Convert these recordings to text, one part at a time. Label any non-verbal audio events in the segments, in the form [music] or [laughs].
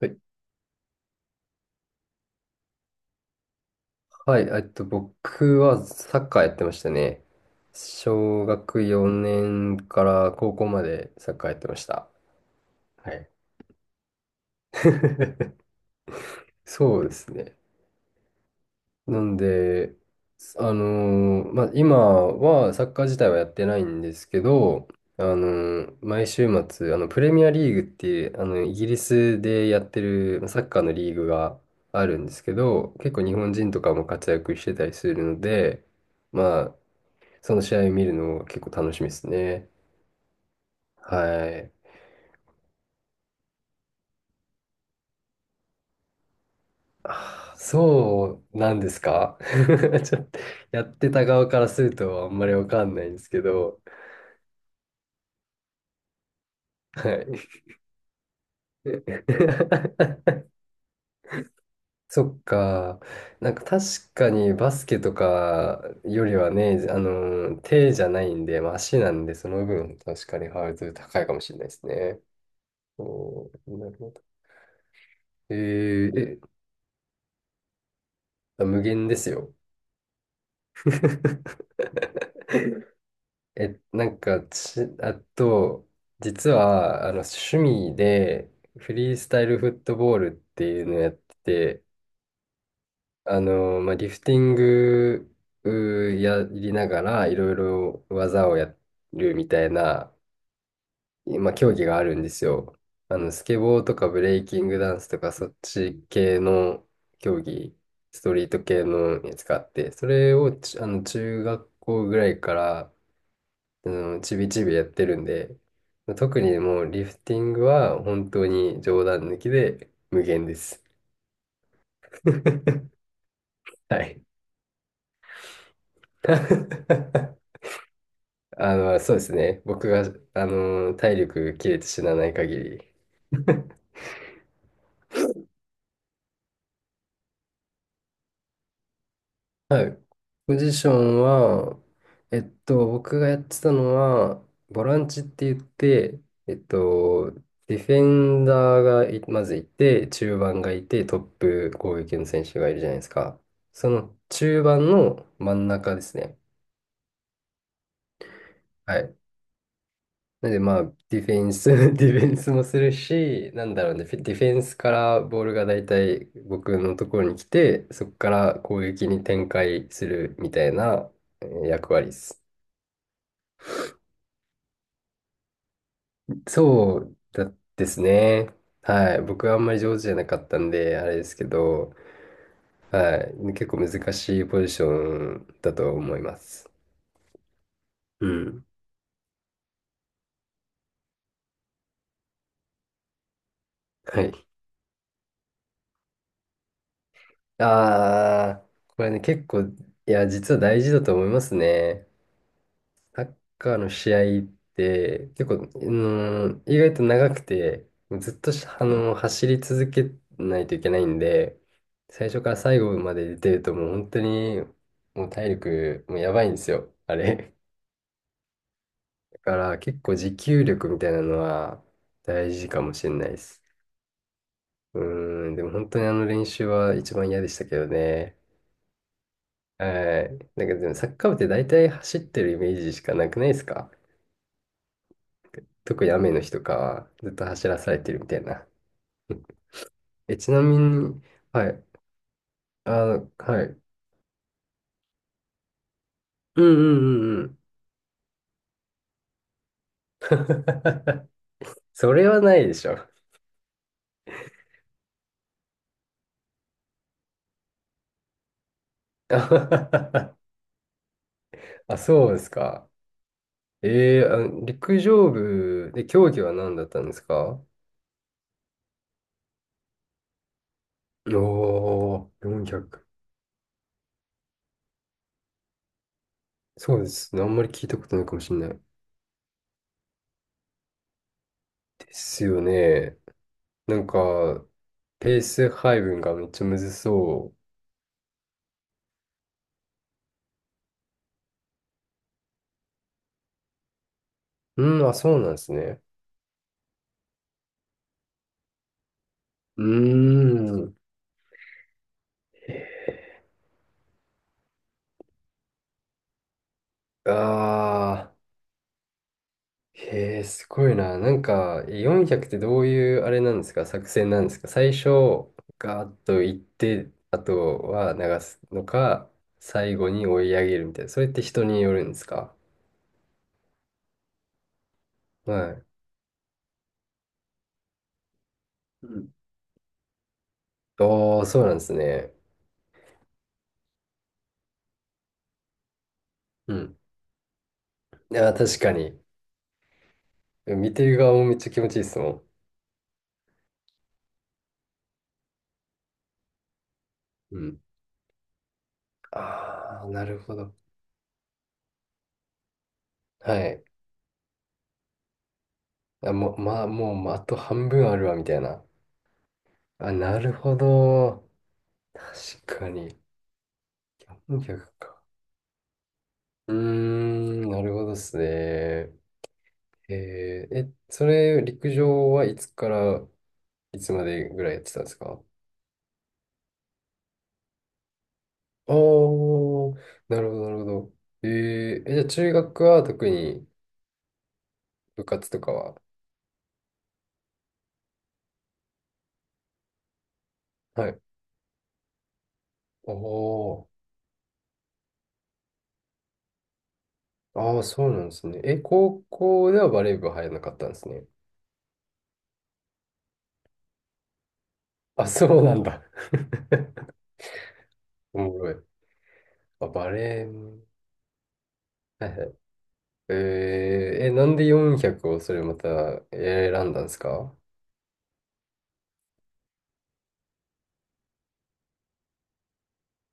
はい、僕はサッカーやってましたね。小学4年から高校までサッカーやってました。はい。[laughs] そうですね。なんで、まあ、今はサッカー自体はやってないんですけど、あの毎週末、プレミアリーグっていう、イギリスでやってるサッカーのリーグがあるんですけど、結構日本人とかも活躍してたりするので、まあ、その試合を見るの結構楽しみですね。はい。あ、そうなんですか？ [laughs] ちょっと、やってた側からするとあんまりわかんないんですけど。はい。[laughs] そっか。確かにバスケとかよりはね、手じゃないんで、まあ足なんで、その分確かにハードル高いかもしれないですね。おー、なるほど。えーえ、あ、無限ですよ。[laughs] え、なんかち、あと、実は、趣味で、フリースタイルフットボールっていうのをやってて、まあ、リフティングうやりながら、いろいろ技をやるみたいな、まあ、競技があるんですよ。スケボーとかブレイキングダンスとか、そっち系の競技、ストリート系のやつがあって、それをち、あの、中学校ぐらいから、ちびちびやってるんで、特にもうリフティングは本当に冗談抜きで無限です。[laughs] はい。[laughs] そうですね。僕が、体力切れて死なない限り。はい。ポジションは、僕がやってたのは、ボランチって言って、えっと、ディフェンダーがいまずいて、中盤がいて、トップ攻撃の選手がいるじゃないですか。その中盤の真ん中ですね。はい。なので、まあ、ディフェンス、[laughs] ディフェンスもするし、なんだろうね、ディフェンスからボールがだいたい僕のところに来て、そこから攻撃に展開するみたいな役割です。そうですね。はい。僕はあんまり上手じゃなかったんで、あれですけど、はい。結構難しいポジションだと思います。うん。はい。ああ、これね、結構、いや、実は大事だと思いますね。サッカーの試合って結構、うーん、意外と長くて、ずっとしあの、走り続けないといけないんで、最初から最後まで出てるともう本当にもう体力もうやばいんですよ、あれ。だから結構持久力みたいなのは大事かもしれないです。うーん、でも本当にあの練習は一番嫌でしたけどね。はい。なんかでもサッカー部って大体走ってるイメージしかなくないですか？特に雨の日とかはずっと走らされてるみたいな。[laughs] うん。え、ちなみに、はい。あの、はい。うんうんうんうん。[laughs] それはないでしょ。[laughs] あ、そうですか。えー、あの陸上部で競技は何だったんですか？おー、400。そうですね。あんまり聞いたことないかもしれない。ですよね。なんか、ペース配分がめっちゃむずそう。うん、あ、そうなんですね。うーん。ああ、へえ、すごいな。なんか、400ってどういうあれなんですか？作戦なんですか？最初、ガーッと行って、あとは流すのか、最後に追い上げるみたいな。それって人によるんですか？はい。うん。おー、そうなんですね。うん。いや、確かに。見てる側もめっちゃ気持ちいいですもん。うん。ああ、なるほど。はい。あ、もう、まあ、もう、あと半分あるわ、みたいな。あ、なるほど。確かに。400か。うーん、なるほどですね。えー、え、それ、陸上はいつからいつまでぐらいやってたんですか？ああー、なるほど、なるほど。えー、え、じゃあ中学は特に部活とかは？はい。おー、ああ、そうなんですね。え、高校ではバレー部入らなかったんですね。あ、そうなんだ。[laughs] おもろい。あ、バレー部、はいはい。えー、え、なんで400をそれまた選んだんですか？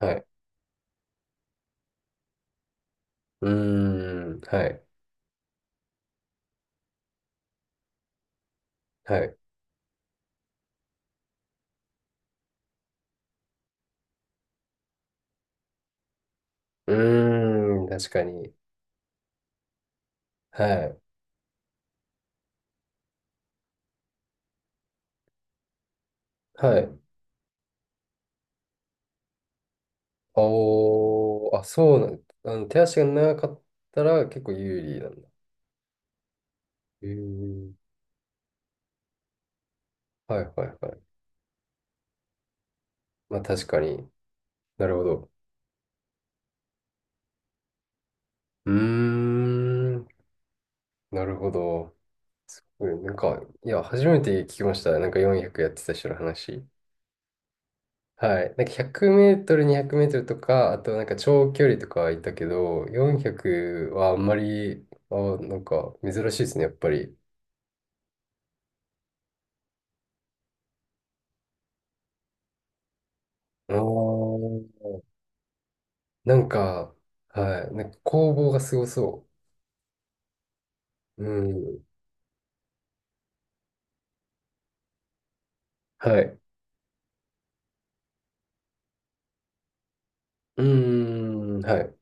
はい。うーん、はい、はい。うーん、確かに。はい、はい。おー、あ、そうなんあの、手足が長かったら結構有利なんだ。うーん、はい、はい、はい。まあ確かに。なるほど。うーん、なるほど。すごい、なんか、いや、初めて聞きました。なんか400やってた人の話。はい。なんか100メートル、200メートルとか、あとなんか長距離とかはいたけど、400はあんまり、あ、なんか珍しいですね、やっぱり。あー、なんか、はい。なんか攻防がすごそう。うん。はい。うーん。はい。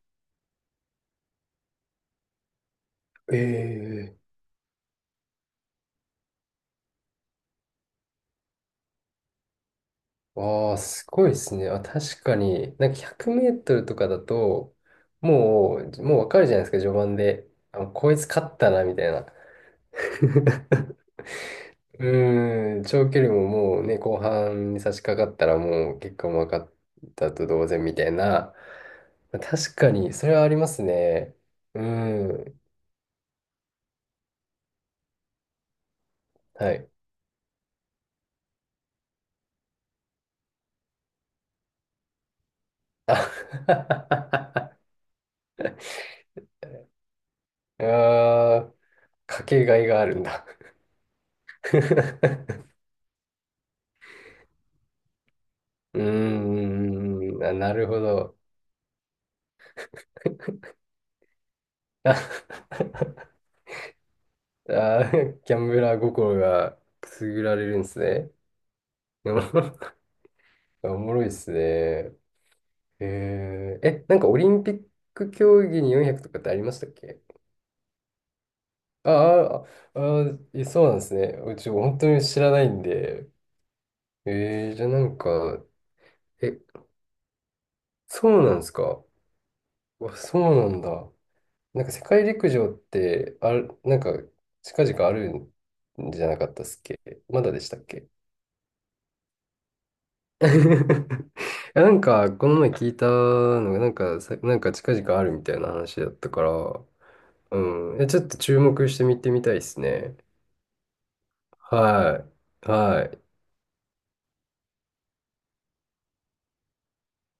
え、えああ、すごいですね。あ、確かに。なんか100メートルとかだと、もう、もうわかるじゃないですか、序盤で。あ、こいつ勝ったな、みたいな。[laughs] うーん、長距離ももうね、後半に差し掛かったらもう結果も分かったと同然みたいな。まあ確かに、それはありますね。うーん、はい。あ。 [laughs] あー、かけがいがあるんだ。 [laughs] うーん、あ、なるほど。[laughs] ああー、ギャンブラー心がくすぐられるんですね。[laughs] おもろいっすね。えー、え、なんかオリンピック競技に400とかってありましたっけ？ああ、ああ、え、そうなんですね。うち本当に知らないんで。えー、じゃあなんか、え、そうなんですか？うわ、そうなんだ。なんか世界陸上って、ある、なんか近々あるんじゃなかったっすっけ？まだでしたっけ？ [laughs] いや、なんか、この前聞いたのが、なんかさ、なんか近々あるみたいな話だったから、うん。え、ちょっと注目して見てみたいですね。はい。はい。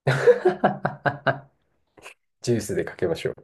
[laughs] ジュースでかけましょう。